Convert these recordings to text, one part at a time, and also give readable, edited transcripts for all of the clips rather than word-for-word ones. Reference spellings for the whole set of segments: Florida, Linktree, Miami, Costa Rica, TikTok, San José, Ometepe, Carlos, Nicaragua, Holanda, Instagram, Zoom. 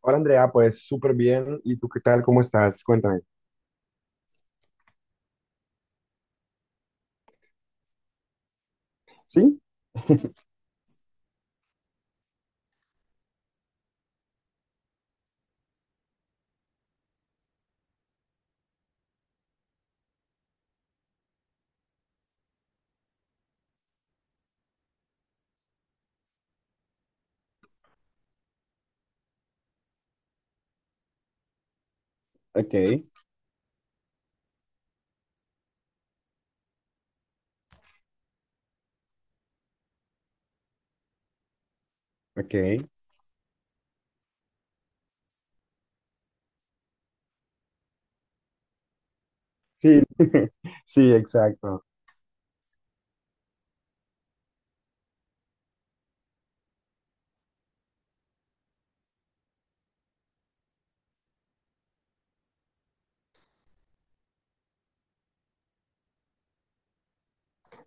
Hola Andrea, pues súper bien. ¿Y tú qué tal? ¿Cómo estás? Cuéntame. ¿Sí? Ok, ok. Sí, sí, exacto.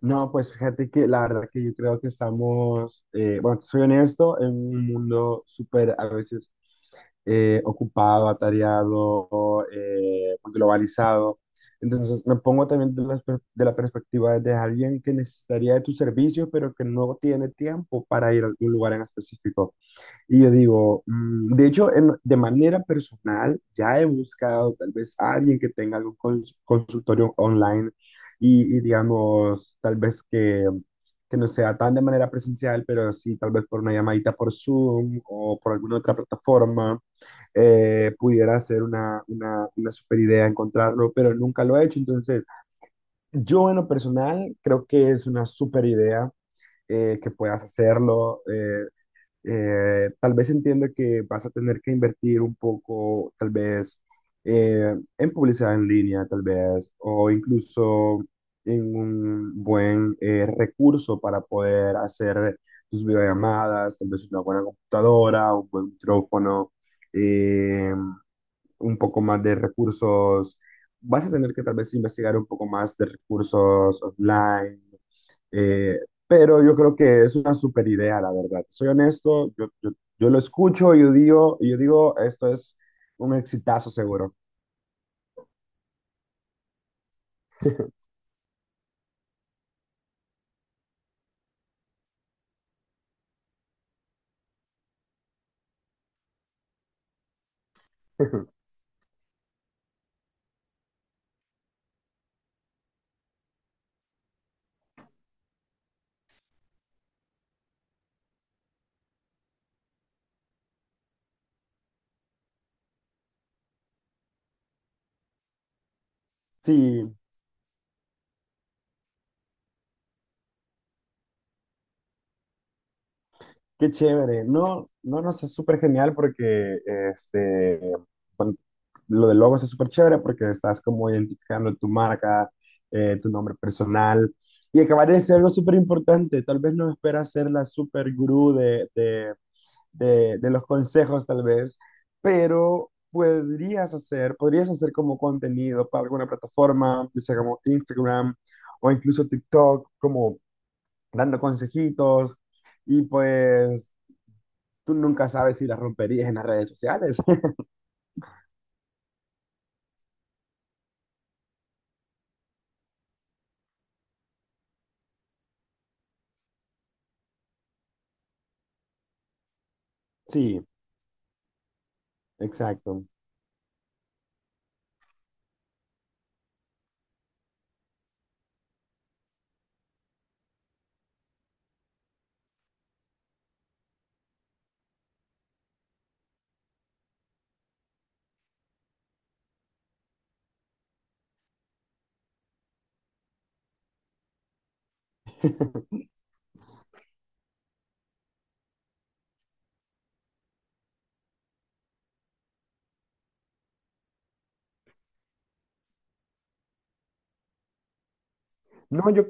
No, pues fíjate que la verdad que yo creo que estamos, bueno, soy honesto, en un mundo súper a veces ocupado, atareado, pues, globalizado. Entonces me pongo también de la perspectiva de alguien que necesitaría de tus servicios, pero que no tiene tiempo para ir a algún lugar en específico. Y yo digo, de hecho, de manera personal, ya he buscado tal vez a alguien que tenga algún consultorio online y digamos, que no sea tan de manera presencial, pero sí tal vez por una llamadita por Zoom o por alguna otra plataforma, pudiera ser una super idea encontrarlo, pero nunca lo he hecho. Entonces, yo en lo personal creo que es una super idea que puedas hacerlo. Tal vez entienda que vas a tener que invertir un poco, tal vez en publicidad en línea, tal vez, o incluso en un buen recurso para poder hacer tus videollamadas, tal vez una buena computadora, un buen micrófono, eh, un poco más de recursos. Vas a tener que tal vez investigar un poco más de recursos online eh, pero yo creo que es una super idea, la verdad. Soy honesto, yo lo escucho y yo digo, esto es un exitazo seguro. Sí, qué chévere. No, no, no, es súper genial porque este, bueno, lo del logo es súper chévere porque estás como identificando tu marca, tu nombre personal. Y acabar de ser algo súper importante. Tal vez no esperas ser la super gurú de los consejos, tal vez, pero podrías hacer como contenido para alguna plataforma, ya sea como Instagram o incluso TikTok, como dando consejitos. Y pues tú nunca sabes si las romperías en las redes sociales. Sí, exacto. No, yo,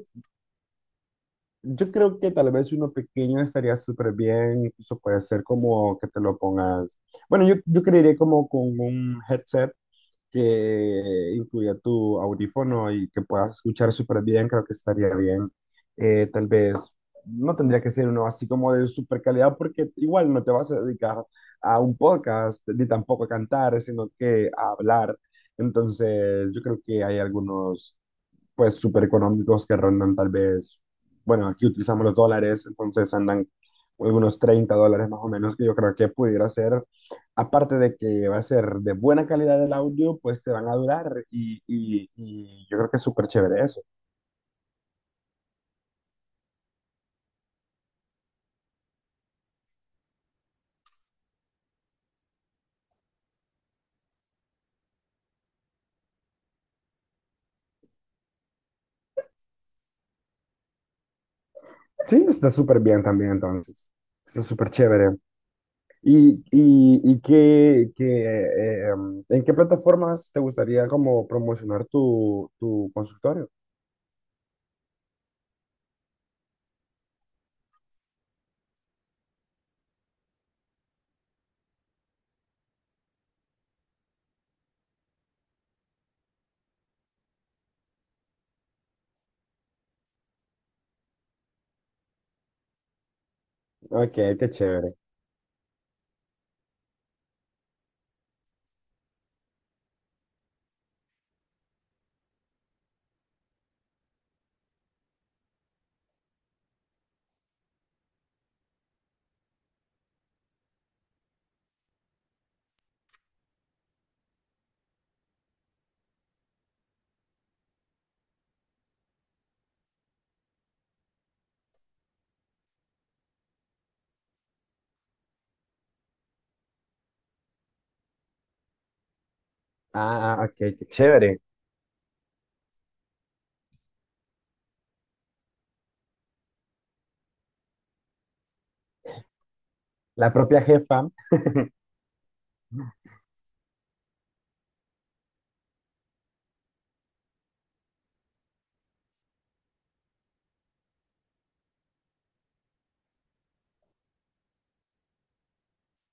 Yo creo que tal vez si uno pequeño estaría súper bien, incluso puede ser como que te lo pongas. Bueno, yo creería como con un headset que incluya tu audífono y que puedas escuchar súper bien, creo que estaría bien. Tal vez no tendría que ser uno así como de súper calidad, porque igual no te vas a dedicar a un podcast ni tampoco a cantar, sino que a hablar. Entonces, yo creo que hay algunos pues súper económicos que rondan tal vez, bueno, aquí utilizamos los dólares, entonces andan unos $30 más o menos, que yo creo que pudiera ser, aparte de que va a ser de buena calidad el audio, pues te van a durar y yo creo que es súper chévere eso. Sí, está súper bien también entonces, está súper chévere. Qué, en qué plataformas te gustaría como promocionar tu consultorio? Ok, qué chévere. Ah, ah, ok, qué chévere. La propia jefa,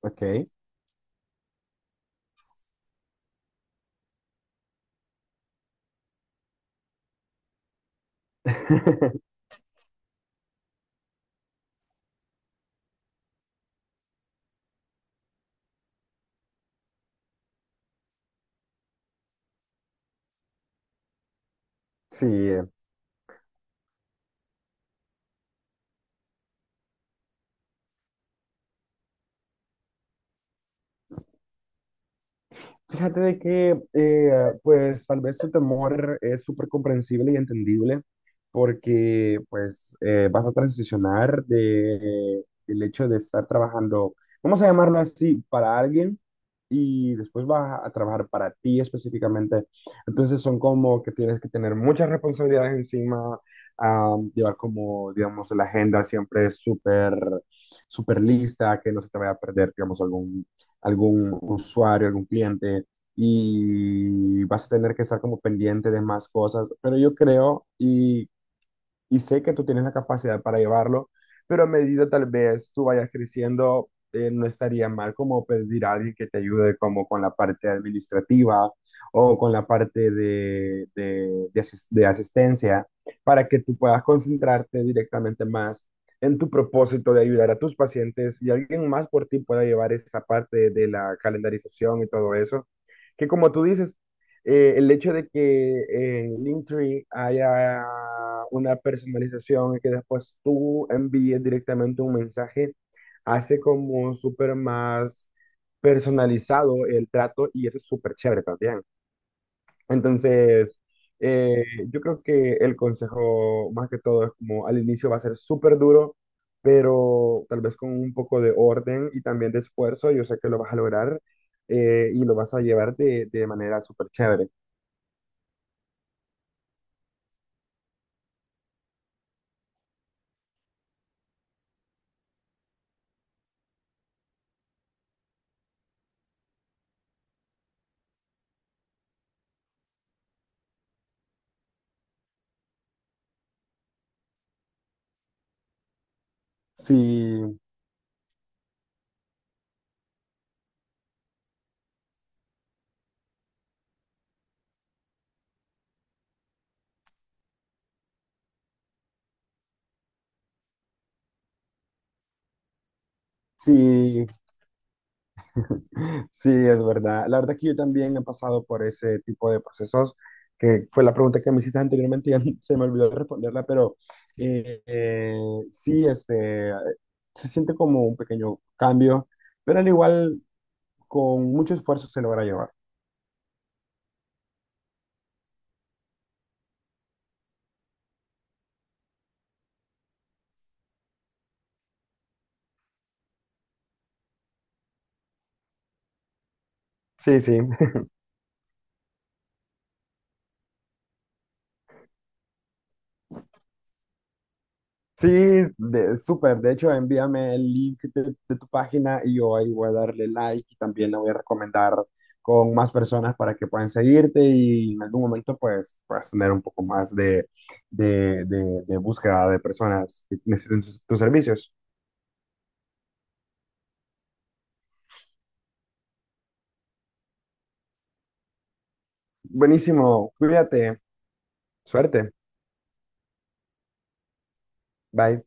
ok. Sí, fíjate pues, tal vez tu temor es súper comprensible y entendible porque, pues, vas a transicionar de, el hecho de estar trabajando, vamos a llamarlo así, para alguien y después vas a trabajar para ti específicamente. Entonces son como que tienes que tener muchas responsabilidades encima, ah, llevar como, digamos, la agenda siempre súper lista, que no se te vaya a perder, digamos, algún usuario, algún cliente, y vas a tener que estar como pendiente de más cosas. Pero yo creo, y sé que tú tienes la capacidad para llevarlo, pero a medida tal vez tú vayas creciendo, no estaría mal como pedir a alguien que te ayude como con la parte administrativa o con la parte de de asistencia para que tú puedas concentrarte directamente más en tu propósito de ayudar a tus pacientes y alguien más por ti pueda llevar esa parte de la calendarización y todo eso, que como tú dices, el hecho de que en Linktree haya una personalización y que después tú envíes directamente un mensaje, hace como súper más personalizado el trato y eso es súper chévere también. Entonces, eh, yo creo que el consejo más que todo es como al inicio va a ser súper duro, pero tal vez con un poco de orden y también de esfuerzo, yo sé que lo vas a lograr y lo vas a llevar de manera súper chévere. Sí, sí, sí, es verdad. La verdad que yo también he pasado por ese tipo de procesos, que fue la pregunta que me hiciste anteriormente y ya se me olvidó responderla, pero eh, eh, sí, se siente como un pequeño cambio, pero al igual con mucho esfuerzo se logra llevar. Sí, sí. Sí, de, súper. De hecho, envíame el link de tu página y yo ahí voy a darle like y también la voy a recomendar con más personas para que puedan seguirte y en algún momento pues puedas tener un poco más de búsqueda de personas que necesiten tus tus servicios. Buenísimo, cuídate, suerte, bye.